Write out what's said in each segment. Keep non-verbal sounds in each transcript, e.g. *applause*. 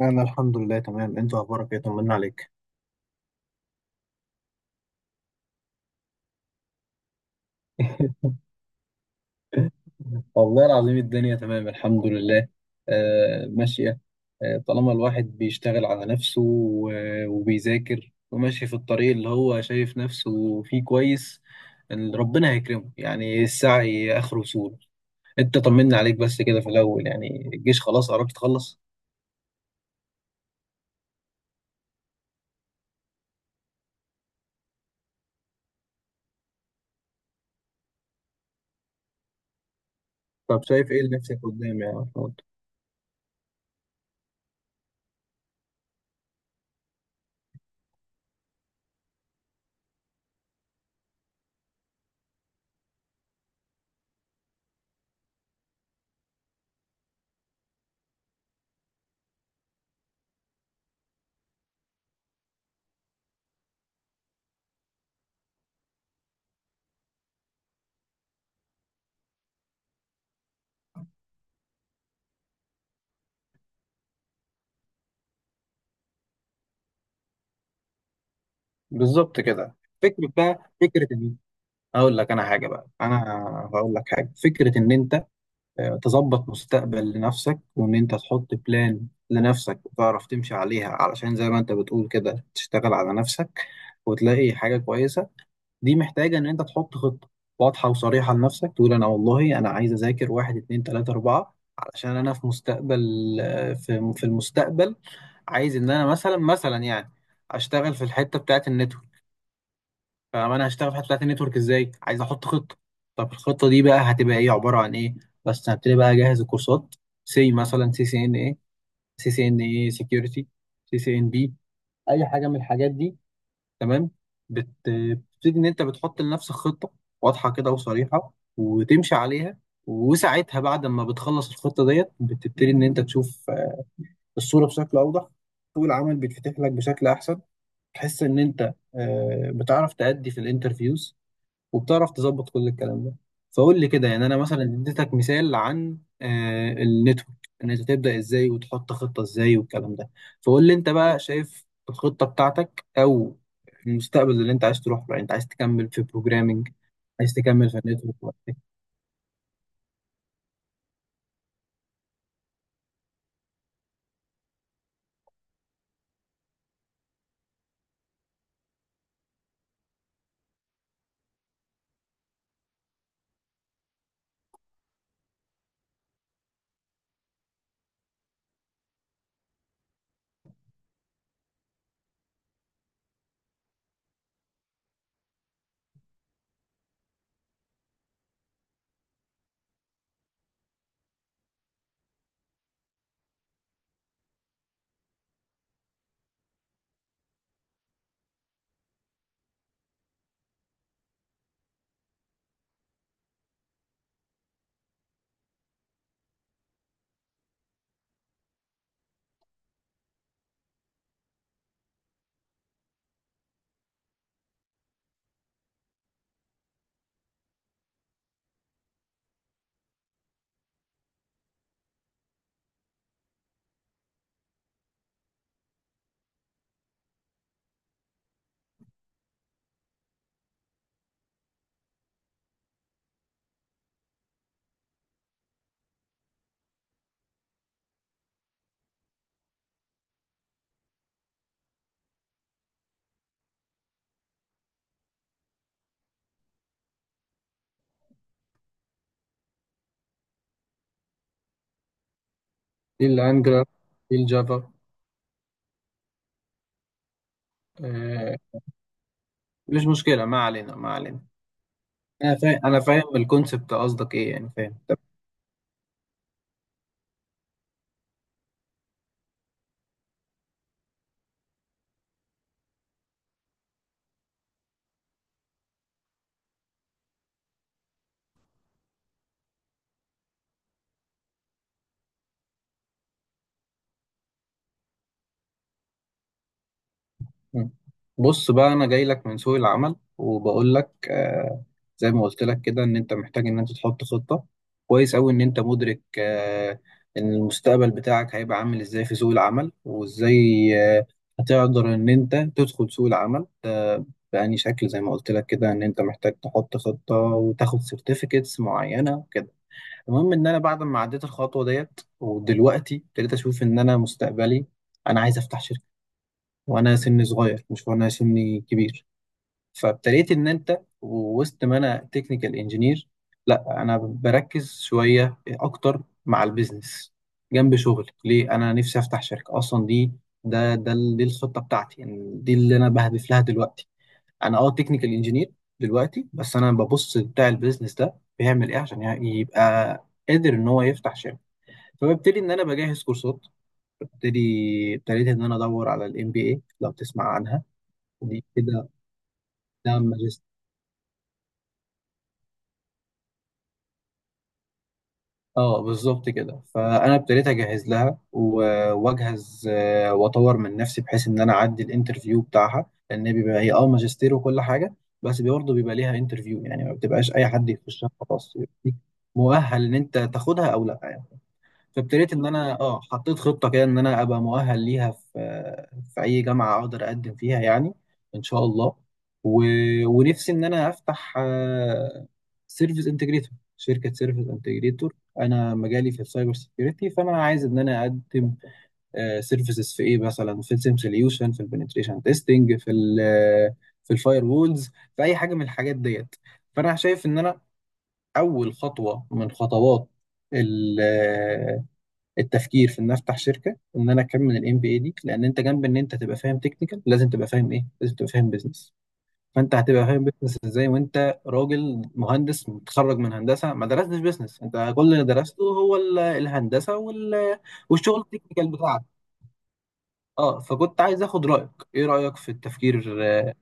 أنا الحمد لله تمام، أنت أخبارك إيه؟ طمنا عليك. *laughs* والله العظيم الدنيا تمام الحمد لله. آه، ماشية. آه، طالما الواحد بيشتغل على نفسه وبيذاكر وماشي في الطريق اللي هو شايف نفسه فيه كويس، إن ربنا هيكرمه، يعني السعي آخره سهولة. أنت طمنا عليك بس كده في الأول، يعني الجيش خلاص قربت تخلص؟ طب شايف إيه لنفسك قدام يا محمود؟ بالظبط كده. فكرة إن هقول لك أنا حاجة بقى، أنا هقول لك حاجة، فكرة إن أنت تظبط مستقبل لنفسك وان انت تحط بلان لنفسك وتعرف تمشي عليها علشان زي ما انت بتقول كده تشتغل على نفسك وتلاقي حاجة كويسة. دي محتاجة ان انت تحط خطة واضحة وصريحة لنفسك، تقول انا والله انا عايز اذاكر واحد اتنين تلاتة اربعة علشان انا في مستقبل. في المستقبل عايز ان انا مثلا يعني اشتغل في الحتة بتاعت النتورك. فانا هشتغل في الحته بتاعت النتورك ازاي؟ عايز احط خطه. طب الخطه دي بقى هتبقى ايه، عباره عن ايه؟ بس هبتدي بقى اجهز الكورسات. سي مثلا، سي سي ان ايه، سي سي ان ايه سكيورتي، سي سي ان بي، اي حاجه من الحاجات دي. تمام. بتبتدي ان انت بتحط لنفسك خطه واضحه كده وصريحه وتمشي عليها. وساعتها بعد ما بتخلص الخطه ديت بتبتدي ان انت تشوف الصوره بشكل اوضح. سوق العمل بيتفتح لك بشكل احسن. تحس ان انت بتعرف تأدي في الانترفيوز وبتعرف تظبط كل الكلام ده. فقول لي كده، يعني انا مثلا اديتك مثال عن النتورك، ان انت تبدا ازاي وتحط خطه ازاي والكلام ده. فقول لي انت بقى شايف الخطه بتاعتك او المستقبل اللي انت عايز تروح له، يعني انت عايز تكمل في بروجرامنج، عايز تكمل في النتورك ولا ايه؟ إيه الانجلر، ايه الجافا؟ آه، مش مشكله، ما علينا ما علينا. انا فاهم الكونسبت، قصدك ايه يعني، فاهم. مم. بص بقى، انا جاي لك من سوق العمل وبقول لك، زي ما قلت لك كده ان انت محتاج ان انت تحط خطة. كويس قوي ان انت مدرك ان المستقبل بتاعك هيبقى عامل ازاي في سوق العمل، وازاي آه هتقدر ان انت تدخل سوق العمل ده بأني شكل، زي ما قلت لك كده ان انت محتاج تحط خطة وتاخد سيرتيفيكتس معينة وكده. المهم ان انا بعد ما عديت الخطوة ديت ودلوقتي ابتديت اشوف ان انا مستقبلي، انا عايز افتح شركة وانا سني صغير، مش وانا سني كبير. فابتديت ان انت وسط ما انا تكنيكال انجينير، لا انا بركز شويه اكتر مع البيزنس جنب شغل، ليه؟ انا نفسي افتح شركه اصلا، دي دي الخطه بتاعتي، يعني دي اللي انا بهدف لها دلوقتي. انا تكنيكال انجينير دلوقتي، بس انا ببص بتاع البيزنس ده بيعمل ايه عشان يعني يبقى قادر ان هو يفتح شركه. فببتدي ان انا بجهز كورسات. ببتدي ابتديت ان انا ادور على الام بي اي، لو تسمع عنها. دي كده، نعم، ماجستير. اه، بالظبط كده. فانا ابتديت اجهز لها واجهز، واطور من نفسي بحيث ان انا اعدي الانترفيو بتاعها، لان بيبقى هي ماجستير وكل حاجه. بس برضه بيبقى ليها انترفيو، يعني ما بتبقاش اي حد يخشها خلاص يبقى ليك، مؤهل ان انت تاخدها او لا. فابتديت ان انا حطيت خطه كده ان انا ابقى مؤهل ليها في في اي جامعه اقدر اقدم فيها يعني، ان شاء الله. و... ونفسي ان انا افتح سيرفيس انتجريتور، شركه سيرفيس انتجريتور. انا مجالي في السايبر سيكيورتي، فانا عايز ان انا اقدم سيرفيسز في ايه، مثلا في السيم سوليوشن، في البنتريشن تيستنج، في الفاير وولز، في اي حاجه من الحاجات ديت. فانا شايف ان انا اول خطوه من خطوات التفكير في ان افتح شركه وان انا اكمل الام بي اي دي، لان انت جنب ان انت تبقى فاهم تكنيكال لازم تبقى فاهم ايه، لازم تبقى فاهم بزنس. فانت هتبقى فاهم بزنس ازاي وانت راجل مهندس متخرج من هندسه ما درستش بزنس، انت كل اللي درسته هو الهندسه والشغل التكنيكال بتاعك. اه فكنت عايز اخد رايك، ايه رايك في التفكير،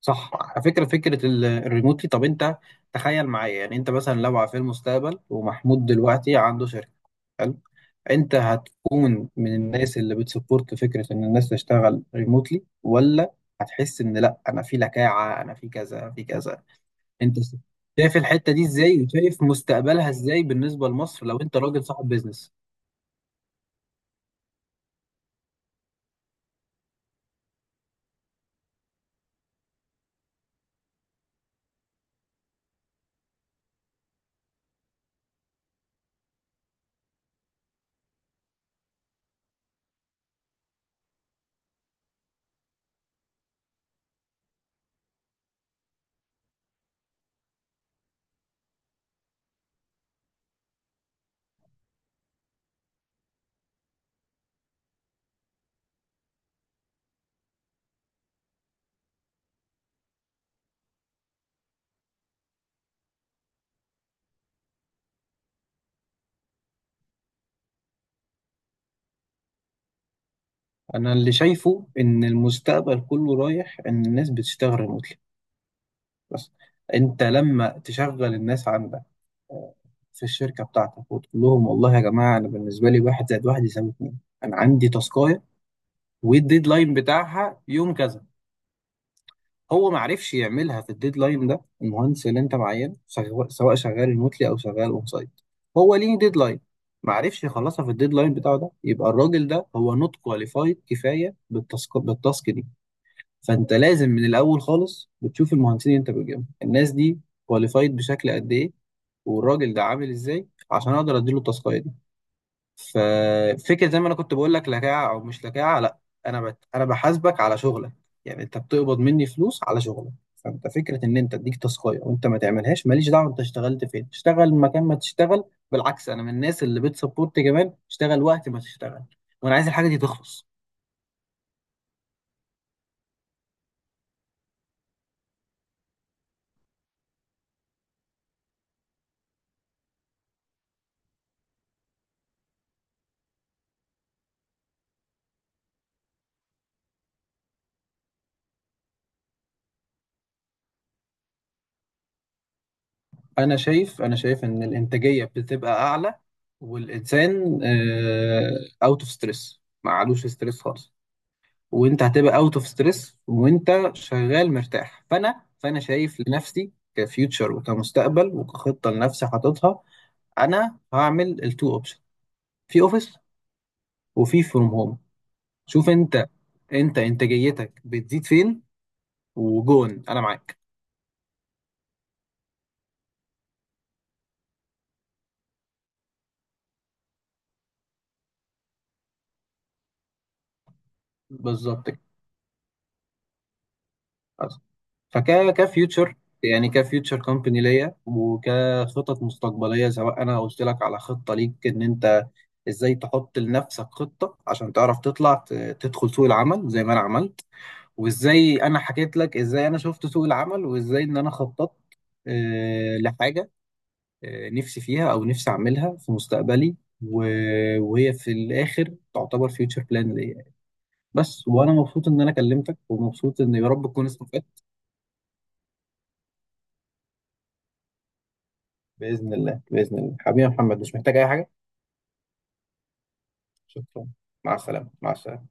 صح؟ على فكره، فكره الريموتلي. طب انت تخيل معايا، يعني انت مثلا لو في المستقبل ومحمود دلوقتي عنده شركه، حلو، انت هتكون من الناس اللي بتسبورت فكره ان الناس تشتغل ريموتلي، ولا هتحس ان لا انا في لكاعه انا في كذا في كذا؟ انت س- شايف الحته دي ازاي وشايف مستقبلها ازاي بالنسبه لمصر، لو انت راجل صاحب بيزنس. انا اللي شايفه ان المستقبل كله رايح ان الناس بتشتغل ريموتلي. بس انت لما تشغل الناس عندك آه، في الشركه بتاعتك وتقول لهم والله يا جماعه انا بالنسبه لي واحد زائد واحد يساوي اتنين، انا عندي تاسكايه والديدلاين بتاعها يوم كذا. هو ما عرفش يعملها في الديدلاين ده، المهندس اللي انت معينه سواء شغال ريموتلي او شغال اون سايت، هو ليه ديدلاين، ما عرفش يخلصها في الديدلاين بتاعه ده، يبقى الراجل ده هو نوت كواليفايد كفايه بالتاسك دي. فانت لازم من الاول خالص بتشوف المهندسين اللي انت بتجيبهم، الناس دي كواليفايد بشكل قد ايه، والراجل ده عامل ازاي عشان اقدر اديله التاسكايه دي. ففكرة زي ما انا كنت بقول لك، لكاعة او مش لكاعة، لا، انا بحاسبك على شغلك، يعني انت بتقبض مني فلوس على شغلك. فانت فكرة ان انت اديك تاسكايه وانت ما تعملهاش ماليش دعوة، انت اشتغلت فين اشتغل مكان ما تشتغل. بالعكس انا من الناس اللي بتسبورت كمان اشتغل وقت ما تشتغل، وانا عايز الحاجة دي تخلص. انا شايف ان الانتاجية بتبقى اعلى، والانسان اوت اوف ستريس، ما علوش ستريس خالص. وانت هتبقى اوت اوف ستريس وانت شغال مرتاح. فانا شايف لنفسي كفيوتشر وكمستقبل وكخطه لنفسي حاططها، انا هعمل التو اوبشن، في اوفيس وفي فروم هوم. شوف انت انتاجيتك بتزيد فين، وجون انا معاك. بالظبط أصلاً. فك كفيوتشر، يعني كفيوتشر كومباني ليا، وكخطط مستقبليه سواء انا قلت لك على خطه ليك ان انت ازاي تحط لنفسك خطه عشان تعرف تطلع تدخل سوق العمل زي ما انا عملت، وازاي انا حكيت لك ازاي انا شفت سوق العمل، وازاي ان انا خططت لحاجه نفسي فيها او نفسي اعملها في مستقبلي. وهي في الاخر تعتبر فيوتشر بلان ليا بس. وانا مبسوط ان انا كلمتك ومبسوط ان يا رب تكون استفدت. بإذن الله بإذن الله، حبيبي يا محمد، مش محتاج أي حاجة. شكرا. مع السلامة مع السلامة.